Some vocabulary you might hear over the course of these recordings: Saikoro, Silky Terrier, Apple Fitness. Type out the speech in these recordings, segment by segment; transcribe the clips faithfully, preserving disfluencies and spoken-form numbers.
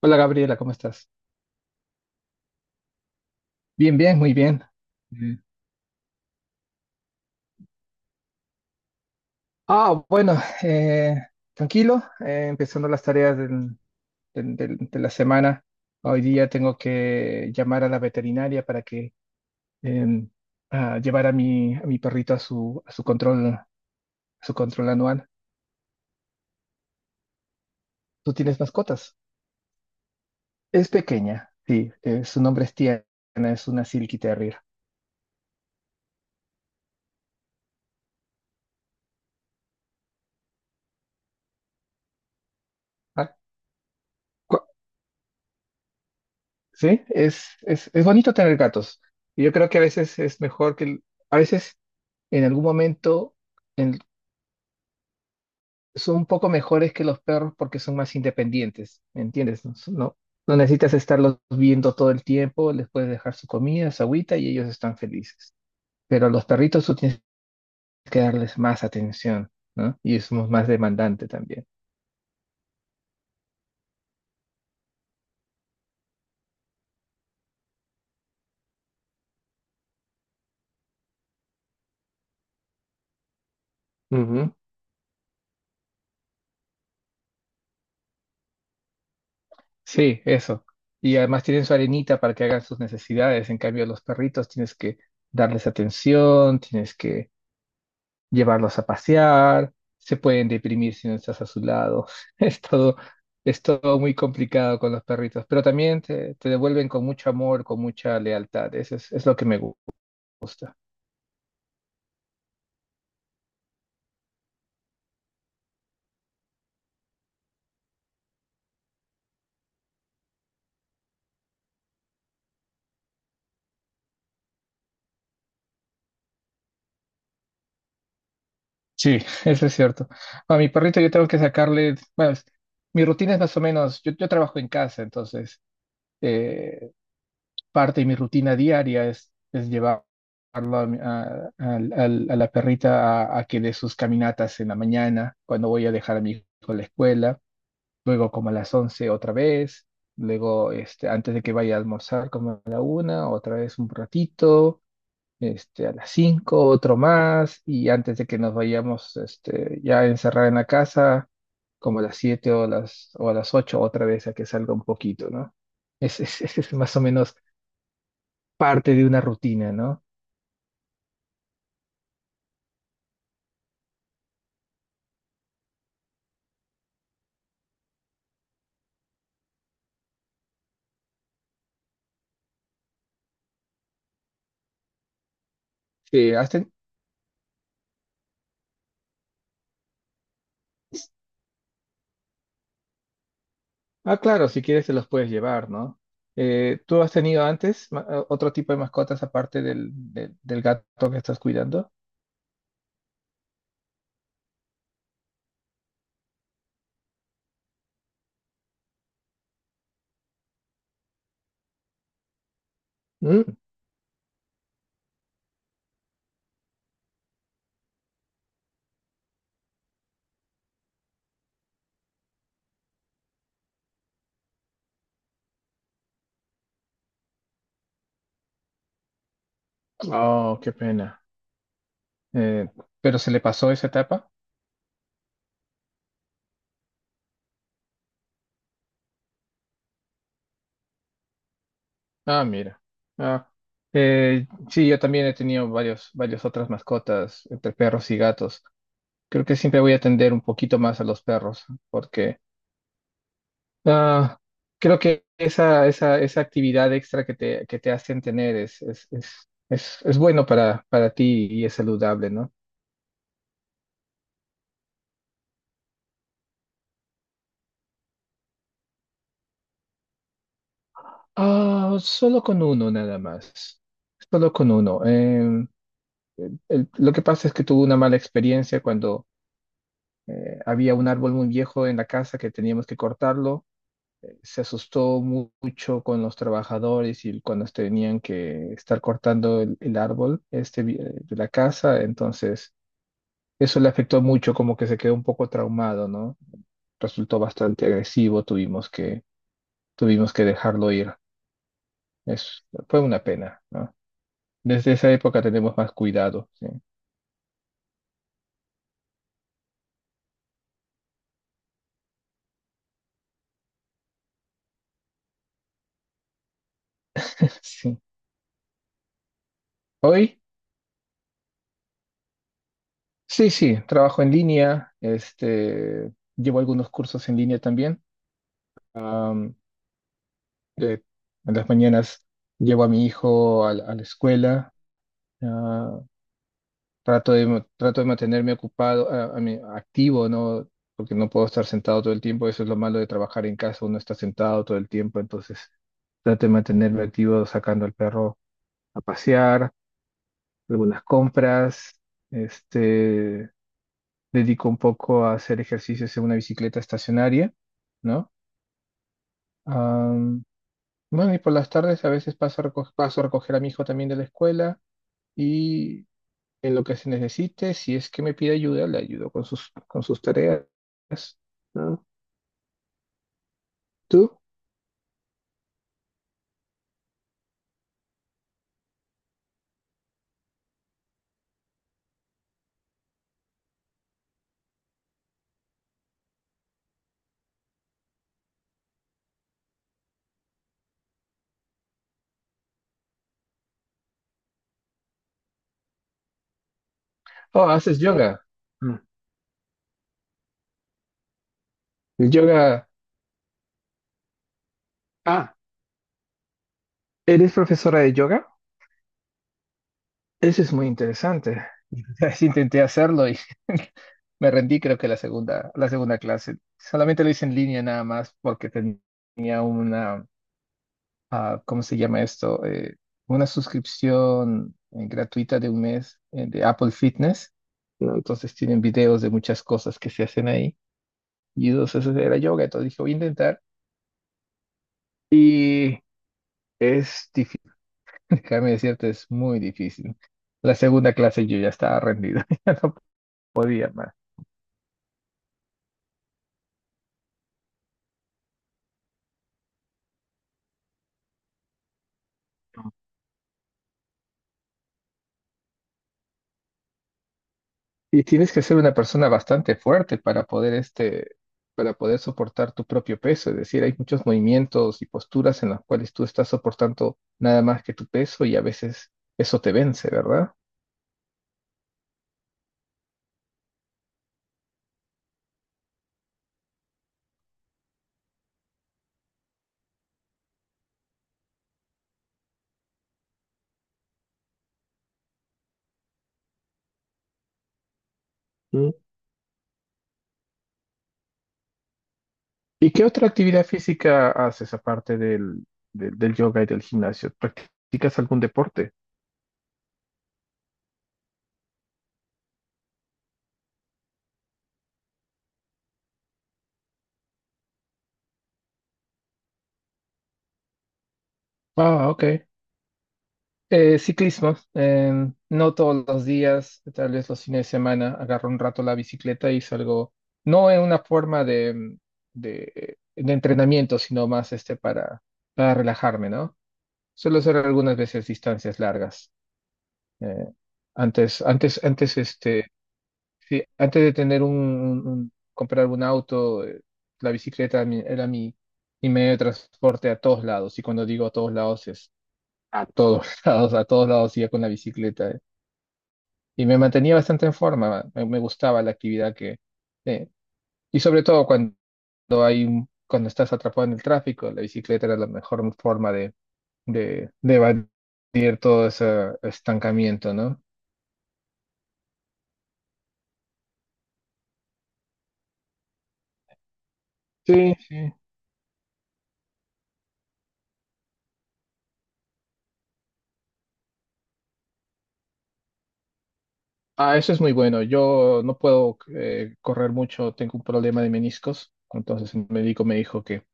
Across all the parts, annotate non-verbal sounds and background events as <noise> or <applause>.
Hola Gabriela, ¿cómo estás? Bien, bien, muy bien. Eh, Ah, bueno, eh, tranquilo, eh, empezando las tareas del- del- del- de la semana. Hoy día tengo que llamar a la veterinaria para que em, a llevar a mi, a mi perrito a su, a su control, a su control anual. ¿Tú tienes mascotas? Es pequeña, sí, eh, su nombre es Tiana, es una Silky Terrier. Ah, cu- Sí, es, es, es bonito tener gatos. Y Yo creo que a veces es mejor que, el- a veces en algún momento en- son un poco mejores que los perros porque son más independientes, ¿me entiendes? No, no, no necesitas estarlos viendo todo el tiempo, les puedes dejar su comida, su agüita y ellos están felices. Pero a los perritos tú tienes que darles más atención, ¿no? Y es más demandante también. Sí, eso. Y además tienen su arenita para que hagan sus necesidades. En cambio, los perritos tienes que darles atención, tienes que llevarlos a pasear, se pueden deprimir si no estás a su lado. <laughs> Es todo, es todo muy complicado con los perritos, pero también te, te devuelven con mucho amor, con mucha lealtad. Eso es, es lo que me gu- gusta. Sí, <laughs> eso es cierto. A mi perrito yo tengo que sacarle, bueno, es- mi rutina es más o menos, yo, yo trabajo en casa, entonces eh, parte de mi rutina diaria es, es llevarlo a, mi- a- al- al- a la perrita a, a que dé sus caminatas en la mañana, cuando voy a dejar a mi hijo a la escuela, luego como a las once otra vez, luego este, antes de que vaya a almorzar como a la una, otra vez un ratito, este, a las cinco otro más, y antes de que nos vayamos este, ya a encerrar en la casa, como a las siete o, las, o a las ocho otra vez a que salga un poquito, ¿no? Ese es, <laughs> ese es más o menos parte de una rutina, ¿no? Que has ten- Ah, claro, si quieres te los puedes llevar, ¿no? Eh, ¿tú has tenido antes ma- ah, otro tipo de mascotas aparte del, del- del gato que estás cuidando? Mm. Oh, qué pena. Eh, ¿pero se le pasó esa etapa? Ah, mira. Ah, eh, sí, yo también he tenido varios, varias otras mascotas entre perros y gatos. Creo que siempre voy a atender un poquito más a los perros porque Ah, creo que esa, esa, esa actividad extra que te, que te hacen tener es, es, es, es, es bueno para, para ti y es saludable, ¿no? Ah, solo con uno nada más. Solo con uno. Em, el- el- lo que pasa es que tuve una mala experiencia cuando eh, había un árbol muy viejo en la casa que teníamos que cortarlo. Eh, Se asustó mu- mucho con los trabajadores y cuando tenían que estar cortando el, el árbol este, vi- eh, de la casa. Entonces eso le afectó mucho, como que se quedó un poco traumado, ¿no? Resultó bastante agresivo, tuvimos que, tuvimos que dejarlo ir. Es, fue una pena, ¿no? Desde esa época tenemos más cuidado, ¿sí? <laughs> Sí. Hoy, sí, sí, trabajo en línea, este, llevo algunos cursos en línea también. Am, de- en las mañanas llevo a mi hijo a, la a la escuela. ah, Trato de, trato de mantenerme ocupado, a- a mí, activo, ¿no? Porque no puedo estar sentado todo el tiempo. Eso es lo malo de trabajar en casa. Uno está sentado todo el tiempo. Entonces, trato de mantenerme activo sacando al perro a pasear, algunas compras. Este, dedico un poco a hacer ejercicios en una bicicleta estacionaria, ¿no? Am, bueno, y por las tardes a veces paso a reco- paso a recoger a mi hijo también de la escuela. En lo que se necesite, si es que me pide ayuda, le ayudo con sus, con sus tareas. ¿No? ¿Tú? Oh, haces yoga. Mm. El yoga. Ah, ¿eres profesora de yoga? Eso es muy interesante. <laughs> Ya intenté hacerlo y <laughs> me rendí, creo que la segunda, la segunda clase. Solamente lo hice en línea nada más porque tenía una, ah, ¿cómo se llama esto? Eh, una suscripción eh, gratuita de un mes eh, de Apple Fitness. No, entonces tienen videos de muchas cosas que se hacen ahí. Y entonces eso era yoga. Entonces dije, voy a intentar. Y es difícil, <laughs> déjame decirte, es muy difícil. La segunda clase yo ya estaba rendido. <laughs> No podía más. Y tienes que ser una persona bastante fuerte para poder este, para poder soportar tu propio peso. Es decir, hay muchos movimientos y posturas en las cuales tú estás soportando nada más que tu peso y a veces eso te vence, ¿verdad? Mm. ¿Y qué otra actividad física haces aparte del, del, del yoga y del gimnasio? ¿Practicas algún deporte? Ah, ok. Eh, ciclismo, em, no todos los días, tal vez los fines de semana, agarro un rato la bicicleta y salgo, no en una forma de, mm, de, de entrenamiento, sino más este para, para relajarme, ¿no? Suelo hacer algunas veces distancias largas. eh, antes, antes, Antes, este, sí, antes de tener un, un- un- comprar un auto, eh, la bicicleta era mi, era mi mi medio de transporte a todos lados. Y cuando digo a todos lados es a todos <laughs> lados, a todos lados iba con la bicicleta. Eh y me mantenía bastante en forma, me, me gustaba la actividad que... eh, y sobre todo cuando hay, un- cuando estás atrapado en el tráfico, la bicicleta era la mejor forma de, de, de evadir todo ese estancamiento, ¿no? Sí, sí. Ah, eso es muy bueno. Yo no puedo eh, correr mucho, tengo un problema de meniscos, entonces el médico me dijo que,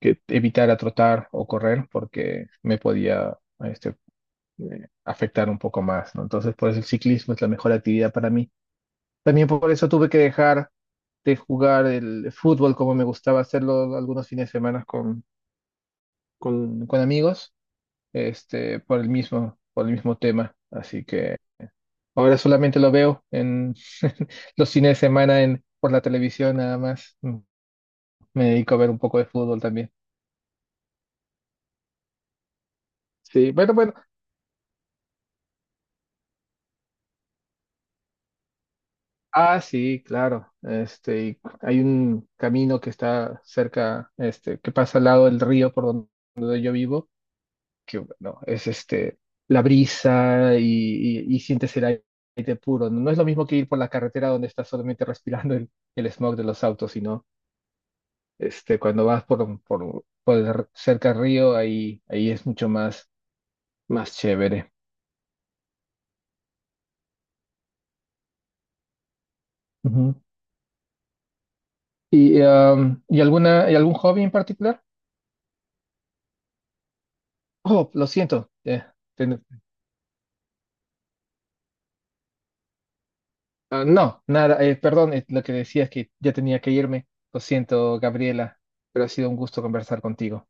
que evitara trotar o correr porque me podía este, eh, afectar un poco más, ¿no? Entonces, por eso el ciclismo es la mejor actividad para mí. También por eso tuve que dejar de jugar el fútbol como me gustaba hacerlo algunos fines de semana con, con, con amigos, este, por el mismo, por el mismo tema. Así que ahora solamente lo veo en <laughs> los fines de semana en, por la televisión nada más. Mm, me dedico a ver un poco de fútbol también. Sí, bueno, bueno. Ah, sí, claro. Este, y hay un camino que está cerca, este, que pasa al lado del río por donde yo vivo que bueno, es este, la brisa y, y- y sientes el aire puro. No, no es lo mismo que ir por la carretera donde estás solamente respirando el, el smog de los autos, sino este, cuando vas por, por, por el r- cerca al río, ahí, ahí es mucho más, más chévere. Ujú. ¿Y, am, ¿y alguna, ¿y algún hobby en particular? Oh, lo siento. eh, ten- ah, no, nada, eh, perdón, eh, lo que decía es que ya tenía que irme. Lo siento, Gabriela, pero ha sido un gusto conversar contigo.